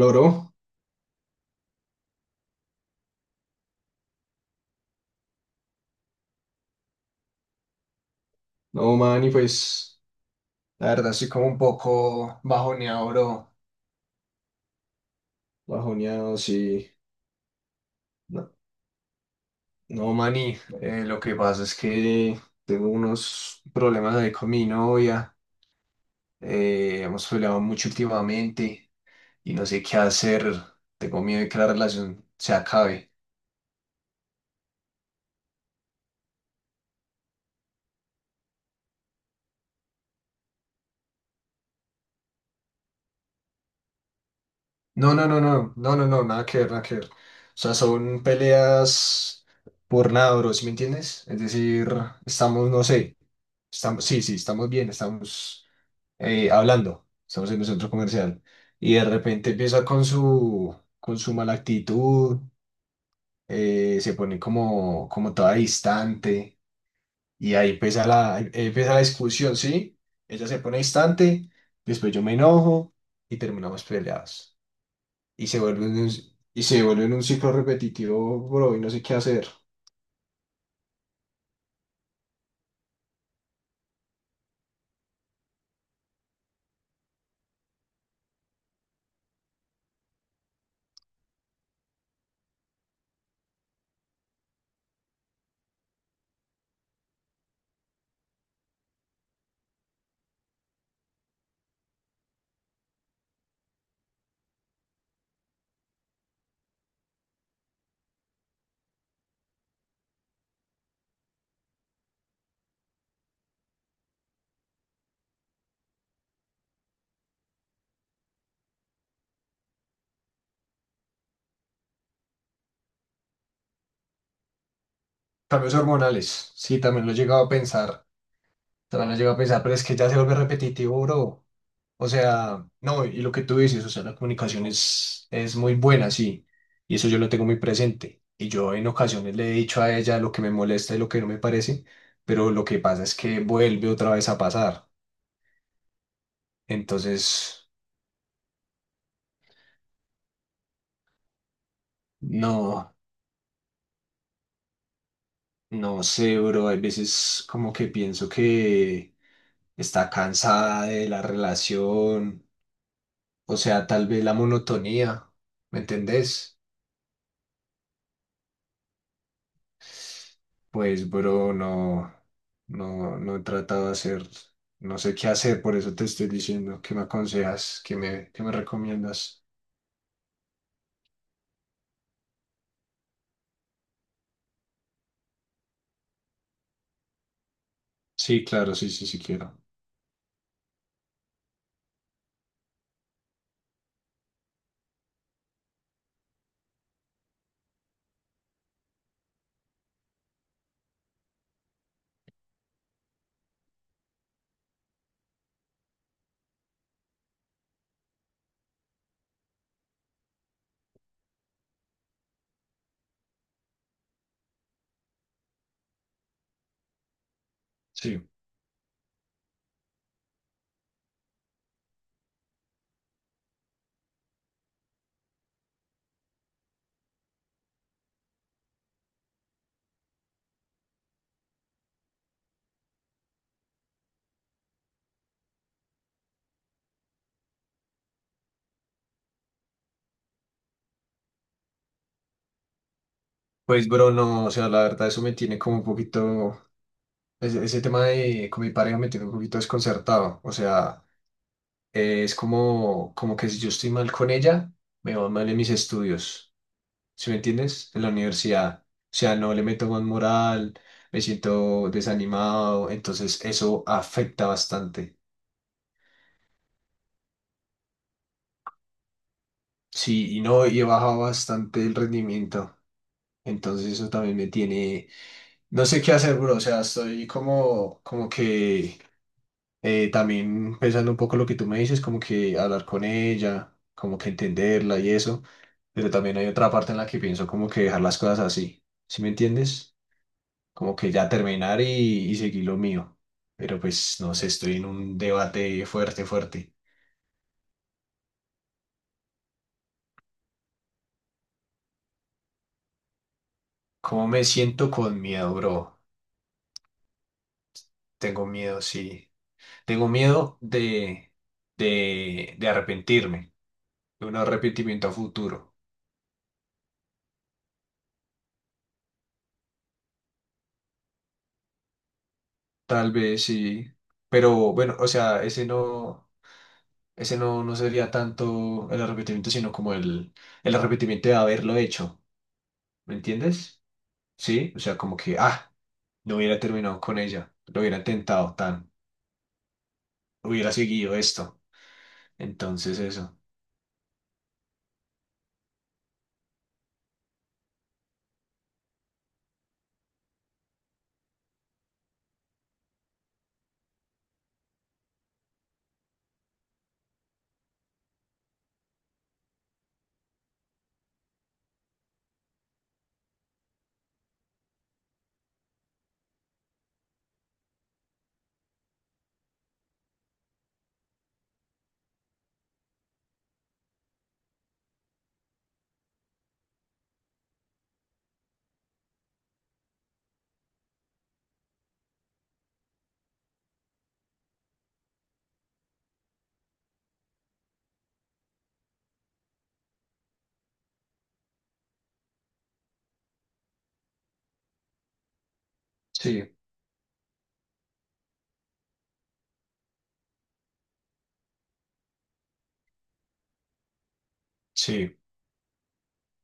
Loro, no, man, y pues la verdad estoy como un poco bajoneado, bro. Bajoneado, sí. No, no man, y lo que pasa es que tengo unos problemas ahí con mi novia. Hemos peleado mucho últimamente y no sé qué hacer. Tengo miedo de que la relación se acabe. No, no, no, no, no, no, no, nada que ver, nada que ver. O sea, son peleas por nada, bro, ¿sí me entiendes? Es decir, estamos, no sé, sí, sí, estamos bien, estamos hablando, estamos en un centro comercial y de repente empieza con su mala actitud, se pone como, como toda distante y ahí empieza ahí empieza la discusión, ¿sí? Ella se pone distante, después yo me enojo y terminamos peleados y se vuelve un, y se vuelve en un ciclo repetitivo, bro, y no sé qué hacer. Cambios hormonales, sí, también lo he llegado a pensar, también lo he llegado a pensar, pero es que ya se vuelve repetitivo, bro. O sea, no, y lo que tú dices, o sea, la comunicación es muy buena, sí, y eso yo lo tengo muy presente. Y yo en ocasiones le he dicho a ella lo que me molesta y lo que no me parece, pero lo que pasa es que vuelve otra vez a pasar. Entonces, no, no sé, bro, hay veces como que pienso que está cansada de la relación, o sea, tal vez la monotonía, ¿me entendés? Pues, bro, no, no he tratado de hacer, no sé qué hacer, por eso te estoy diciendo, ¿qué me aconsejas? ¿Qué me recomiendas? Sí, claro, sí, sí, sí quiero. Sí. Pues, bro, no, o sea, la verdad, eso me tiene como un poquito, ese tema de, con mi pareja me tiene un poquito desconcertado, o sea, es como, como que si yo estoy mal con ella, me va mal en mis estudios, ¿sí me entiendes? En la universidad. O sea, no le meto más moral, me siento desanimado, entonces eso afecta bastante. Sí, y no, y he bajado bastante el rendimiento. Entonces eso también me tiene, no sé qué hacer, bro. O sea, estoy como, como que también pensando un poco lo que tú me dices, como que hablar con ella, como que entenderla y eso, pero también hay otra parte en la que pienso como que dejar las cosas así, ¿sí me entiendes? Como que ya terminar y seguir lo mío, pero pues no sé, estoy en un debate fuerte, fuerte. ¿Cómo me siento? Con miedo, bro. Tengo miedo, sí. Tengo miedo de arrepentirme, de un arrepentimiento a futuro. Tal vez sí, pero bueno, o sea, ese no, no sería tanto el arrepentimiento, sino como el arrepentimiento de haberlo hecho, ¿me entiendes? ¿Sí? O sea, como que, ah, no hubiera terminado con ella, lo hubiera intentado tan, hubiera seguido esto. Entonces eso, sí, sí,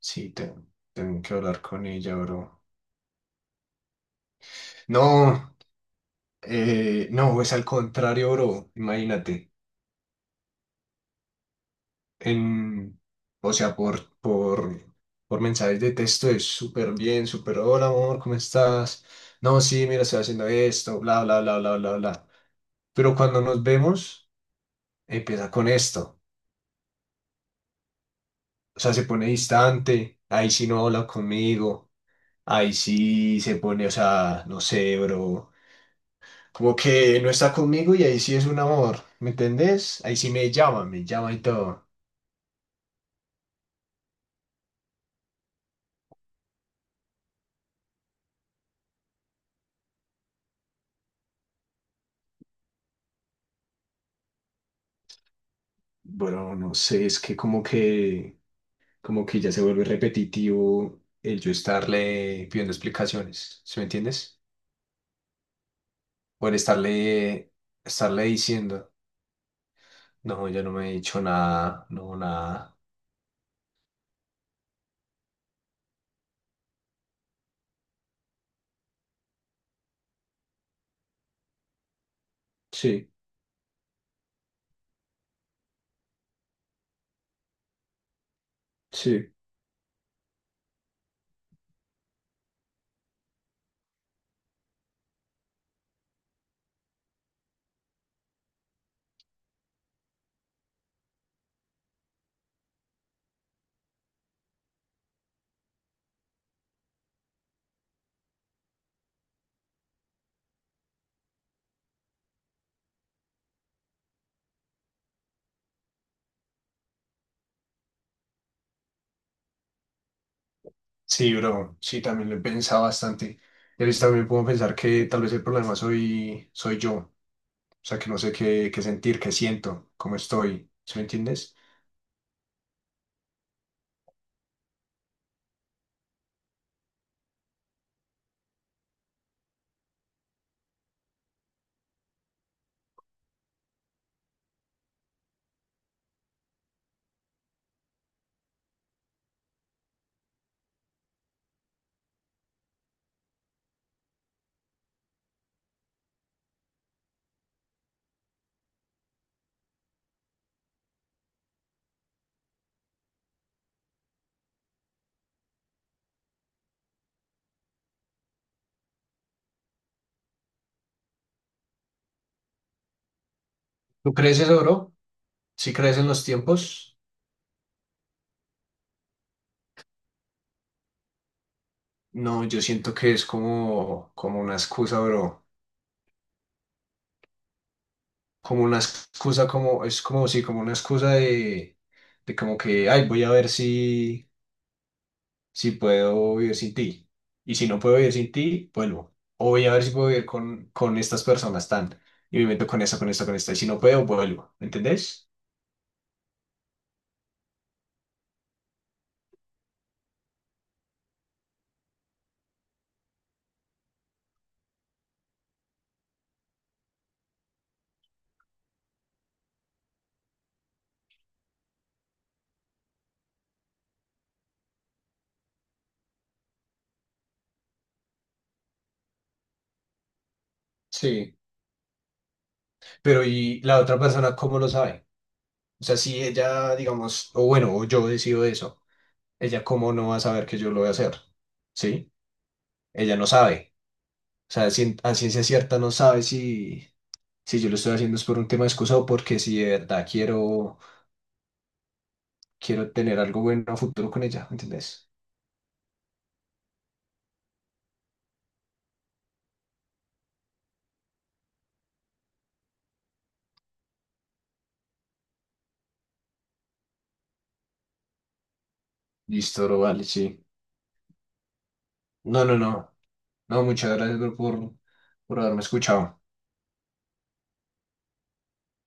sí, tengo que hablar con ella, bro. No, no, es al contrario, bro, imagínate, en, o sea, por mensajes de texto es súper bien, súper, hola, amor, ¿cómo estás? No, sí, mira, estoy haciendo esto, bla, bla, bla, bla, bla, bla. Pero cuando nos vemos, empieza con esto. O sea, se pone distante, ahí sí no habla conmigo, ahí sí se pone, o sea, no sé, bro, como que no está conmigo y ahí sí es un amor, ¿me entendés? Ahí sí me llama y todo. Bueno, no sé, es que como que ya se vuelve repetitivo el yo estarle pidiendo explicaciones, ¿sí me entiendes? O el estarle, estarle diciendo, no, ya no me he dicho nada, no, nada. Sí, sí. Sí, bro, sí, también lo he pensado bastante. Y a veces también puedo pensar que tal vez el problema soy yo. O sea, que no sé qué, qué sentir, qué siento, cómo estoy. ¿Sí me entiendes? ¿Tú crees eso, bro? ¿Sí crees en los tiempos? No, yo siento que es como, como una excusa, bro. Como una excusa, como, es como, sí, como una excusa de como que, ay, voy a ver si. Si puedo vivir sin ti. Y si no puedo vivir sin ti, vuelvo. O voy a ver si puedo vivir con estas personas tan. Y me meto con esta, con esta, con esta. Y si no puedo, vuelvo. ¿Me entendés? Sí. Pero ¿y la otra persona cómo lo sabe? O sea, si ella, digamos, o bueno, o yo decido eso, ella cómo no va a saber que yo lo voy a hacer. ¿Sí? Ella no sabe. O sea, a ciencia cierta no sabe si, si yo lo estoy haciendo es por un tema de excusa o porque si de verdad quiero, quiero tener algo bueno a futuro con ella. ¿Me ¿Entendés? Listo, bro, vale, sí. No, no, no. No, muchas gracias, bro, por haberme escuchado.